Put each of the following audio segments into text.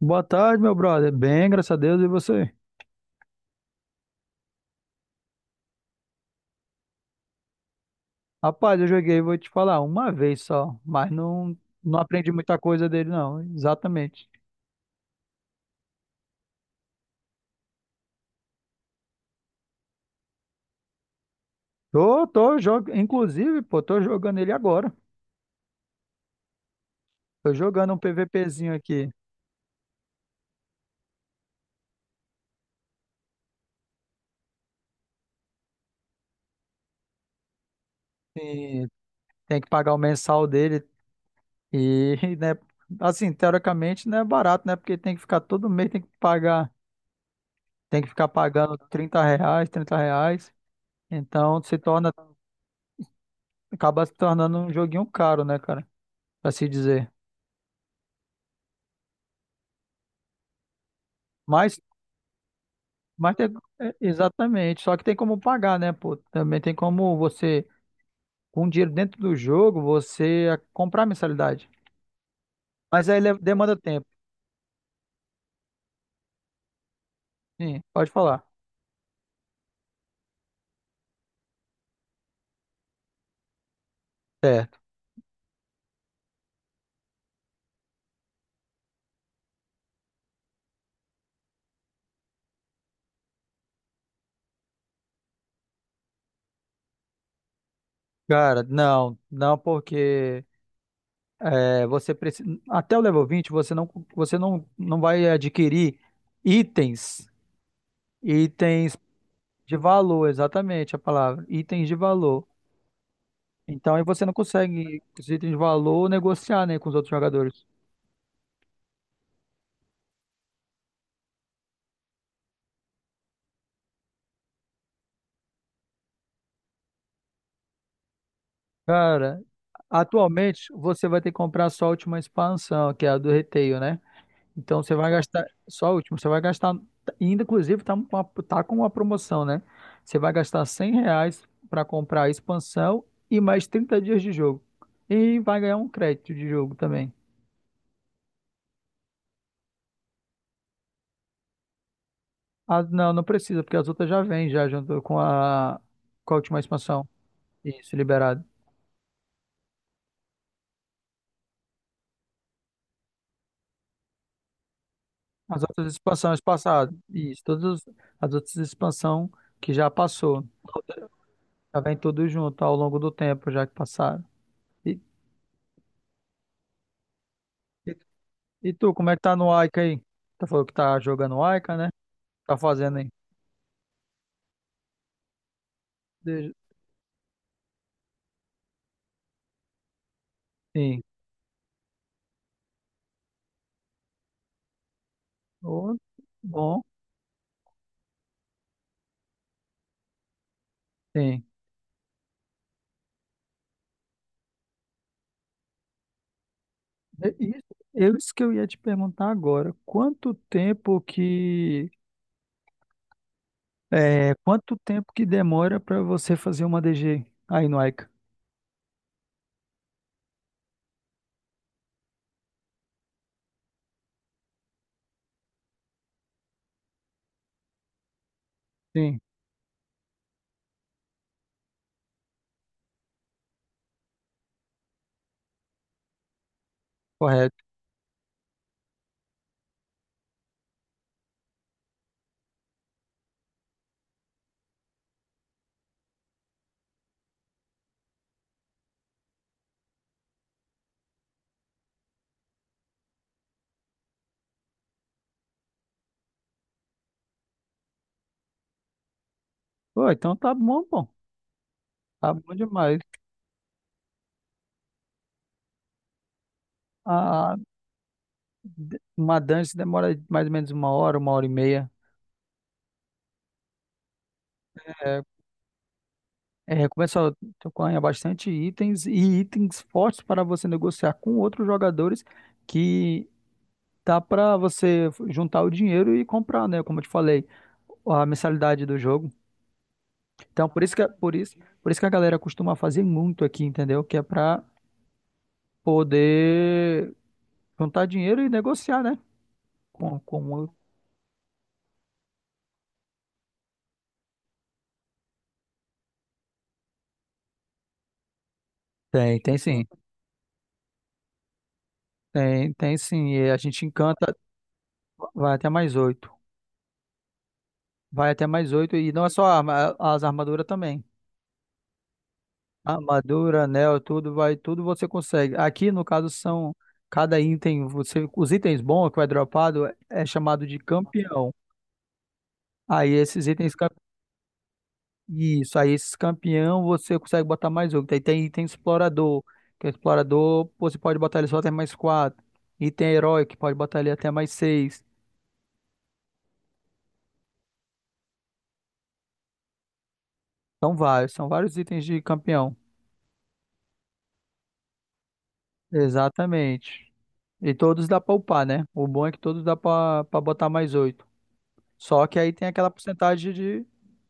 Boa tarde, meu brother. Bem, graças a Deus, e você? Rapaz, eu joguei, vou te falar, uma vez só, mas não aprendi muita coisa dele, não, exatamente. Tô, jogo, inclusive, pô, tô jogando ele agora. Tô jogando um PVPzinho aqui. E tem que pagar o mensal dele. E, né, assim, teoricamente não é barato, né? Porque tem que ficar todo mês, tem que pagar, tem que ficar pagando R$ 30, R$ 30. Então se torna, acaba se tornando um joguinho caro, né, cara? Pra se dizer. Mas Mas tem, é, exatamente, só que tem como pagar, né, pô? Também tem como você, com dinheiro dentro do jogo, você comprar a mensalidade. Mas aí demanda tempo. Sim, pode falar. Certo. Cara, não porque é, você precisa, até o level 20 você não vai adquirir itens, itens de valor, exatamente a palavra, itens de valor. Então aí você não consegue, com os itens de valor, negociar, né, com os outros jogadores. Cara, atualmente você vai ter que comprar só a última expansão, que é a do Retail, né? Então você vai gastar só a última, você vai gastar, e ainda inclusive tá com uma promoção, né? Você vai gastar R$ 100 para comprar a expansão e mais 30 dias de jogo. E vai ganhar um crédito de jogo também. Ah, não, não precisa, porque as outras já vêm já junto com a última expansão. Isso, liberado. As outras expansões passadas. Isso, todas as outras expansões que já passou. Já vem tudo junto ao longo do tempo, já que passaram. E, e, e tu, como é que tá no Aika aí? Tá falando que tá jogando Aika, né? Tá fazendo aí? De- Sim. Ô, bom, sim. É Isso, é isso que eu ia te perguntar agora. Quanto tempo que demora para você fazer uma DG aí no Aika? Sim, correto. Pô, então tá bom, bom. Tá bom demais. A, uma dance demora mais ou menos uma hora e meia. É, É, começa a tocar bastante itens e itens fortes para você negociar com outros jogadores que dá para você juntar o dinheiro e comprar, né? Como eu te falei, a mensalidade do jogo. Então, por isso que a galera costuma fazer muito aqui, entendeu? Que é para poder juntar dinheiro e negociar, né? Com, com... Tem, tem sim. Tem, tem sim. E a gente encanta, vai até mais oito. Vai até mais oito. E não é só arma, as armaduras também. Armadura, anel, tudo vai, tudo você consegue. Aqui, no caso, são cada item, você, os itens bons que vai dropado é chamado de campeão. Aí esses itens, isso, aí esses campeão você consegue botar mais outro. Aí tem item explorador, que o explorador você pode botar ele só até mais quatro. Item herói, que pode botar ele até mais seis. São vários itens de campeão. Exatamente. E todos dá pra upar, né? O bom é que todos dá pra botar mais oito. Só que aí tem aquela porcentagem de,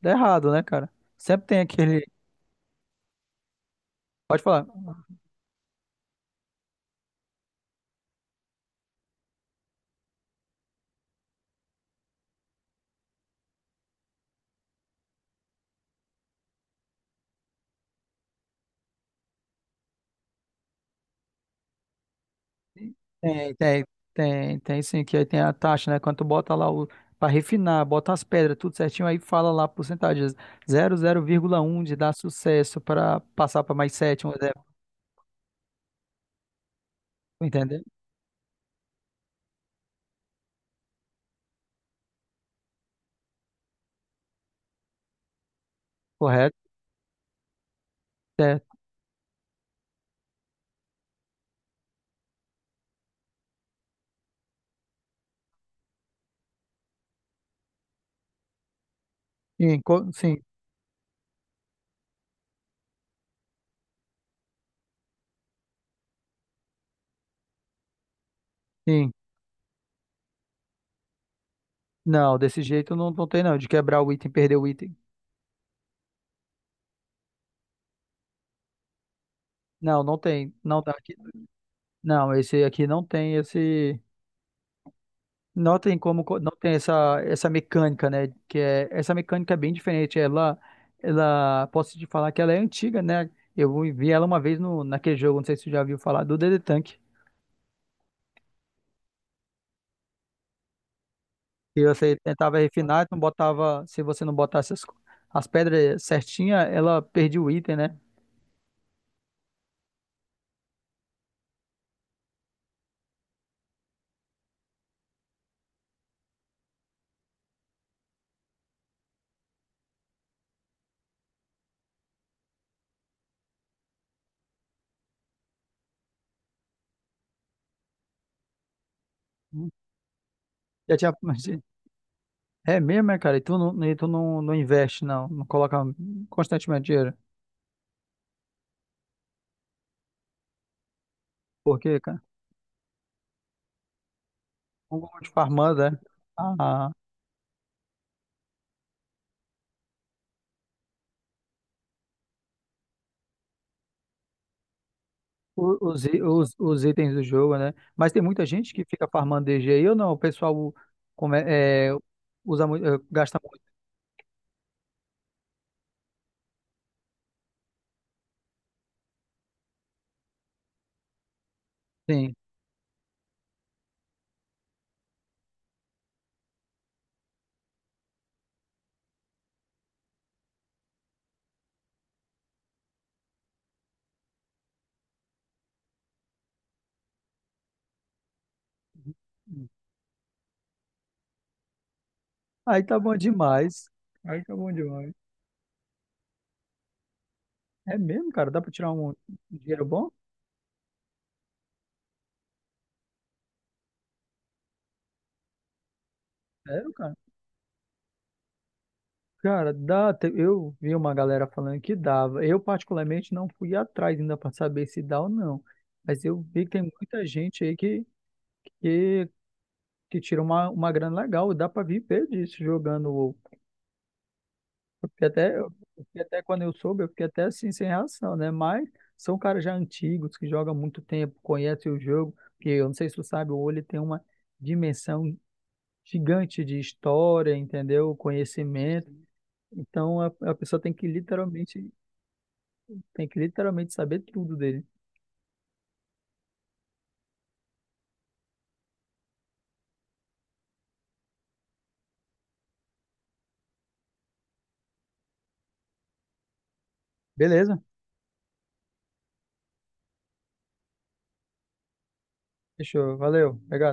de errado, né, cara? Sempre tem aquele. Pode falar. Tem, tem, tem, tem sim, que aí tem a taxa, né? Quando tu bota lá o. Pra refinar, bota as pedras, tudo certinho, aí fala lá a porcentagem. 0,1 de dar sucesso para passar para mais 7, um exemplo. Entendeu? Correto? Certo. Sim, sim, sim. Não, desse jeito não, não tem, não. De quebrar o item, perder o item. Não, não tem. Não tá aqui. Não, esse aqui não tem esse. Notem como não tem essa mecânica, né? Que é, essa mecânica é bem diferente. Ela, posso te falar que ela é antiga, né? Eu vi ela uma vez naquele jogo, não sei se você já viu falar, do DD Tank. E você tentava refinar, não botava, se você não botasse as pedras certinha, ela perdia o item, né? Já tinha, é mesmo, é, cara? E tu não investe, não, não coloca constantemente dinheiro. Por quê, um gol de farmando, né? Ah, os itens do jogo, né? Mas tem muita gente que fica farmando DG aí ou não? O pessoal como é, é, usa muito, é, gasta muito, sim. Aí tá bom demais. Aí tá bom demais. É mesmo, cara? Dá pra tirar um dinheiro bom? Sério, cara? Cara, dá. Eu vi uma galera falando que dava. Eu, particularmente, não fui atrás ainda para saber se dá ou não. Mas eu vi que tem muita gente aí que, que tira uma grana legal, dá para viver disso jogando WoW. Eu fiquei até Quando eu soube, eu fiquei até assim sem reação, né? Mas são caras já antigos que jogam há muito tempo, conhecem o jogo, que eu não sei se tu sabe, o WoW ele tem uma dimensão gigante de história, entendeu? Conhecimento. Então a pessoa tem que literalmente saber tudo dele. Beleza? Fechou, valeu. Legal.